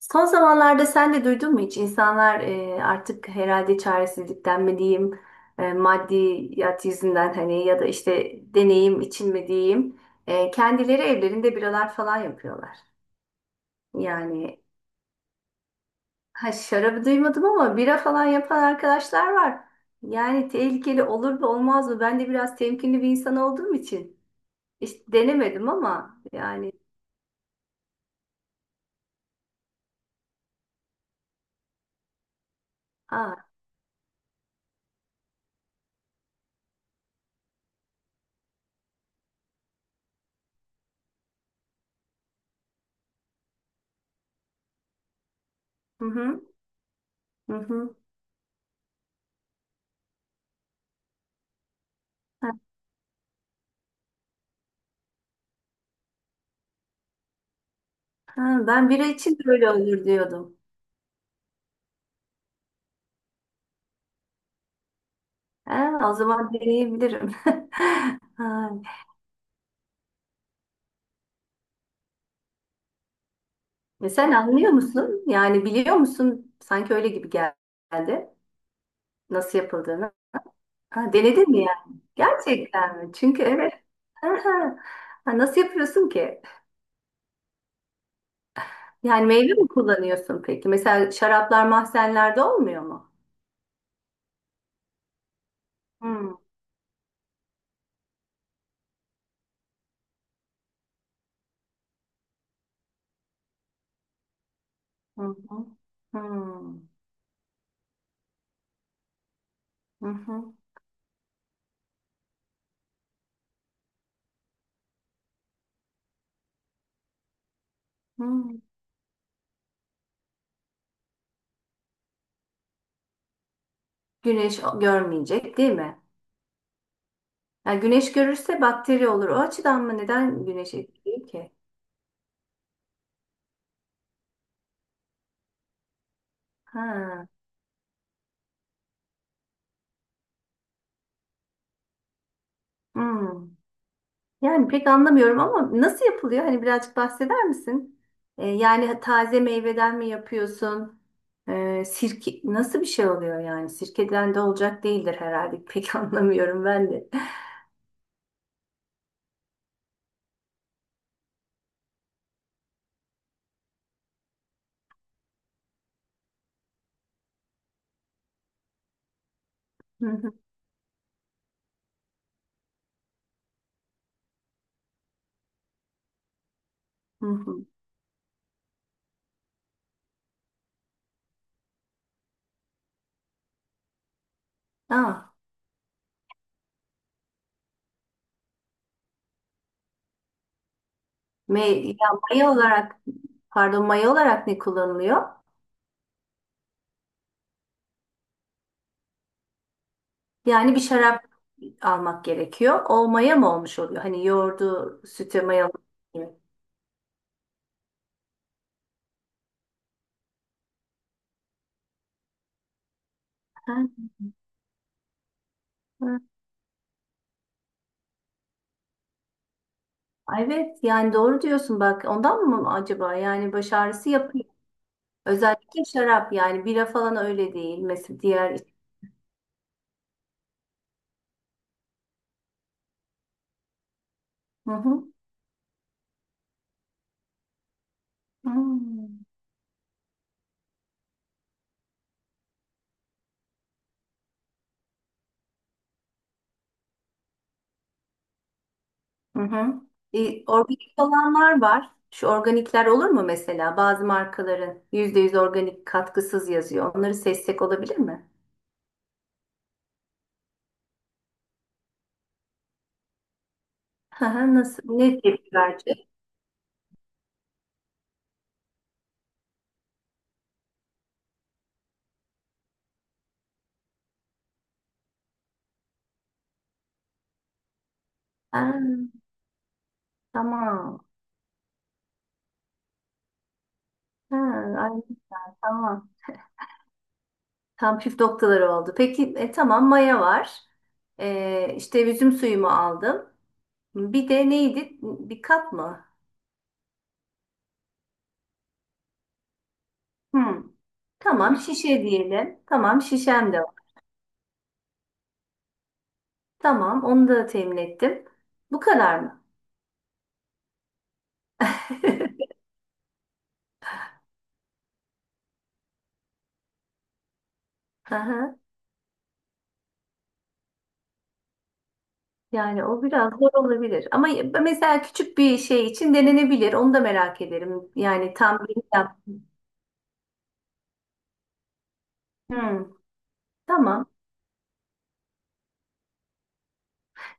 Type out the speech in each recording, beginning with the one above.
Son zamanlarda sen de duydun mu hiç? İnsanlar artık herhalde çaresizlikten mi diyeyim, maddiyat yüzünden hani ya da işte deneyim için mi diyeyim, kendileri evlerinde biralar falan yapıyorlar. Yani ha şarabı duymadım ama bira falan yapan arkadaşlar var. Yani tehlikeli olur mu olmaz mı? Ben de biraz temkinli bir insan olduğum için işte denemedim ama yani. Aa, hı hı, hı hı. Ha, ben bira için de öyle olur diyordum. Ha, o zaman deneyebilirim. Ha. E, sen anlıyor musun? Yani biliyor musun? Sanki öyle gibi geldi. Nasıl yapıldığını. Ha, denedin mi yani? Gerçekten mi? Çünkü evet. Aha. Ha, nasıl yapıyorsun ki? Yani meyve mi kullanıyorsun peki? Mesela şaraplar mahzenlerde olmuyor mu? Hmm. Hı hı. Hmm. Hı hı. Hmm. Güneş görmeyecek değil mi? Yani güneş görürse bakteri olur. O açıdan mı? Neden güneş etkiliyor ki? Ha. Hmm. Yani pek anlamıyorum ama nasıl yapılıyor? Hani birazcık bahseder misin? Yani taze meyveden mi yapıyorsun? Sirke nasıl bir şey oluyor yani? Sirkeden de olacak değildir herhalde. Pek anlamıyorum ben de. Hı hı, hı hı. Aa, ya maya olarak pardon maya olarak ne kullanılıyor? Yani bir şarap almak gerekiyor. O maya mı olmuş oluyor? Hani yoğurdu sütü maya. Ay, evet yani doğru diyorsun bak ondan mı acaba yani baş ağrısı yapıyor. Özellikle şarap yani bira falan öyle değil mesela diğer. Hı hı. Hmm. Hı hı. Organik olanlar var. Şu organikler olur mu mesela bazı markaların %100 organik katkısız yazıyor. Onları seçsek olabilir mi? Hı hı, nasıl? Ne tepki verecek? Ha, tamam. Ha, ay, tamam. Tam püf noktaları oldu. Peki tamam maya var. İşte üzüm suyumu aldım. Bir de neydi? Bir kap mı? Hmm. Tamam şişe diyelim. Tamam şişem de var. Tamam onu da temin ettim. Bu kadar mı? Aha. Yani o biraz zor olabilir. Ama mesela küçük bir şey için denenebilir. Onu da merak ederim. Yani tam bir yaptım. Hmm. Tamam.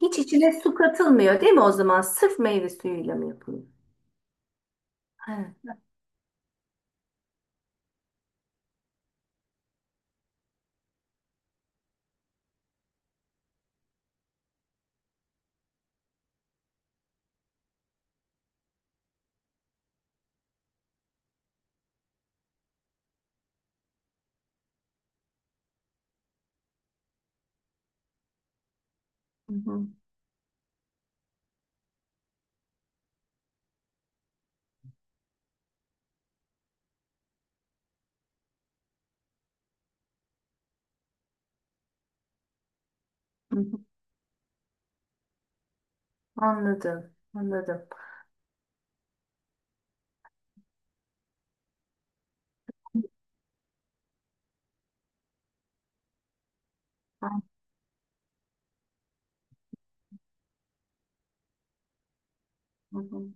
Hiç içine su katılmıyor değil mi o zaman? Sırf meyve suyuyla mı yapılıyor? Evet. Hı hı. Hı hı. Anladım. Anladım. Hı hı.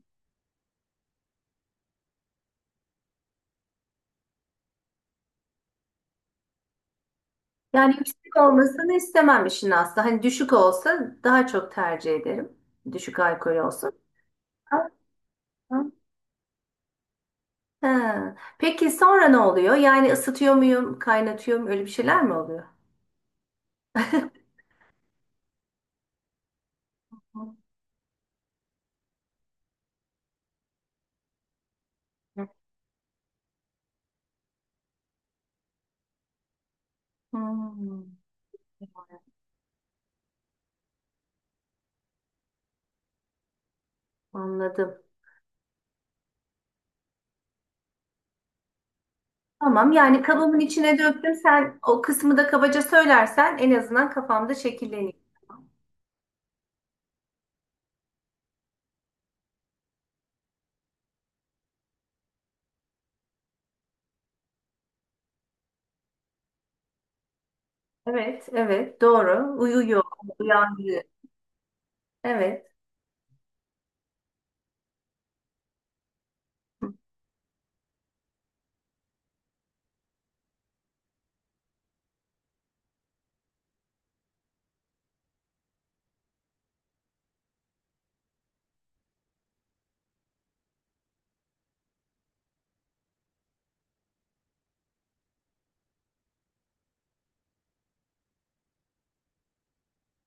Yani yüksek olmasını istemem işin aslı. Hani düşük olsa daha çok tercih ederim. Düşük alkol olsun. Ama- Ha. Peki sonra ne oluyor? Yani ısıtıyor muyum, kaynatıyor muyum? Öyle bir şeyler mi oluyor? Hmm, anladım. Tamam yani kabımın içine döktüm. Sen o kısmı da kabaca söylersen en azından kafamda şekilleniyor. Evet, evet doğru. Uyuyor, uyandı. Evet.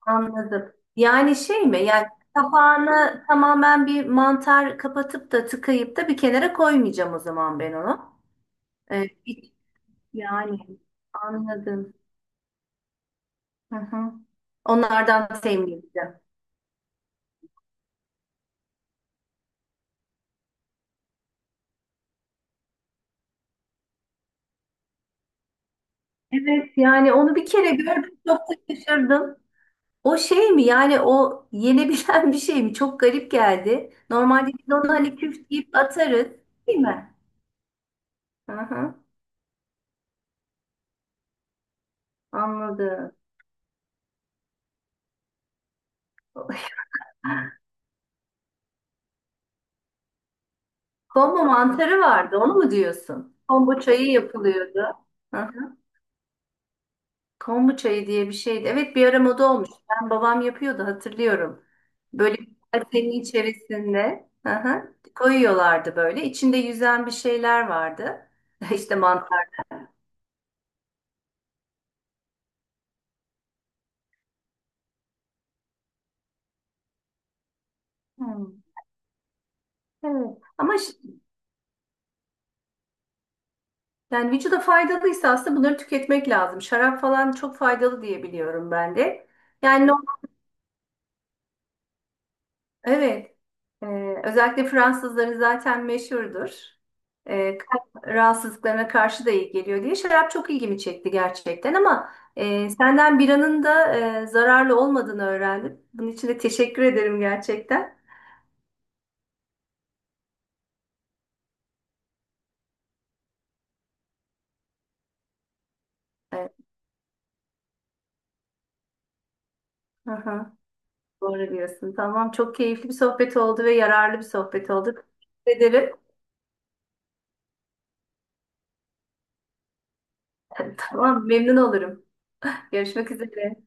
Anladım. Yani şey mi? Yani kapağını tamamen bir mantar kapatıp da tıkayıp da bir kenara koymayacağım o zaman ben onu. Ee, bir- yani anladım. Hı hı. Onlardan temin edeceğim. Evet yani onu bir kere gördüm çok da şaşırdım. O şey mi yani o yenebilen bir şey mi? Çok garip geldi. Normalde biz onu hani küf deyip atarız değil mi? Hı hı. Anladım. Kombu mantarı vardı, onu mu diyorsun? Kombu çayı yapılıyordu. Hı hı. Kombu çayı diye bir şeydi. Evet bir ara moda olmuş. Ben babam yapıyordu hatırlıyorum. Böyle bir kasenin içerisinde hı hı, koyuyorlardı böyle. İçinde yüzen bir şeyler vardı. İşte mantar. Hmm, evet. Ama ş- yani vücuda faydalıysa aslında bunları tüketmek lazım. Şarap falan çok faydalı diye biliyorum ben de. Yani evet. Ee, özellikle Fransızları zaten meşhurdur. Kalp rahatsızlıklarına karşı da iyi geliyor diye. Şarap çok ilgimi çekti gerçekten ama senden biranın da zararlı olmadığını öğrendim. Bunun için de teşekkür ederim gerçekten. Evet. Aha, doğru diyorsun. Tamam, çok keyifli bir sohbet oldu ve yararlı bir sohbet oldu. Teşekkür ederim. Tamam, memnun olurum. Görüşmek üzere.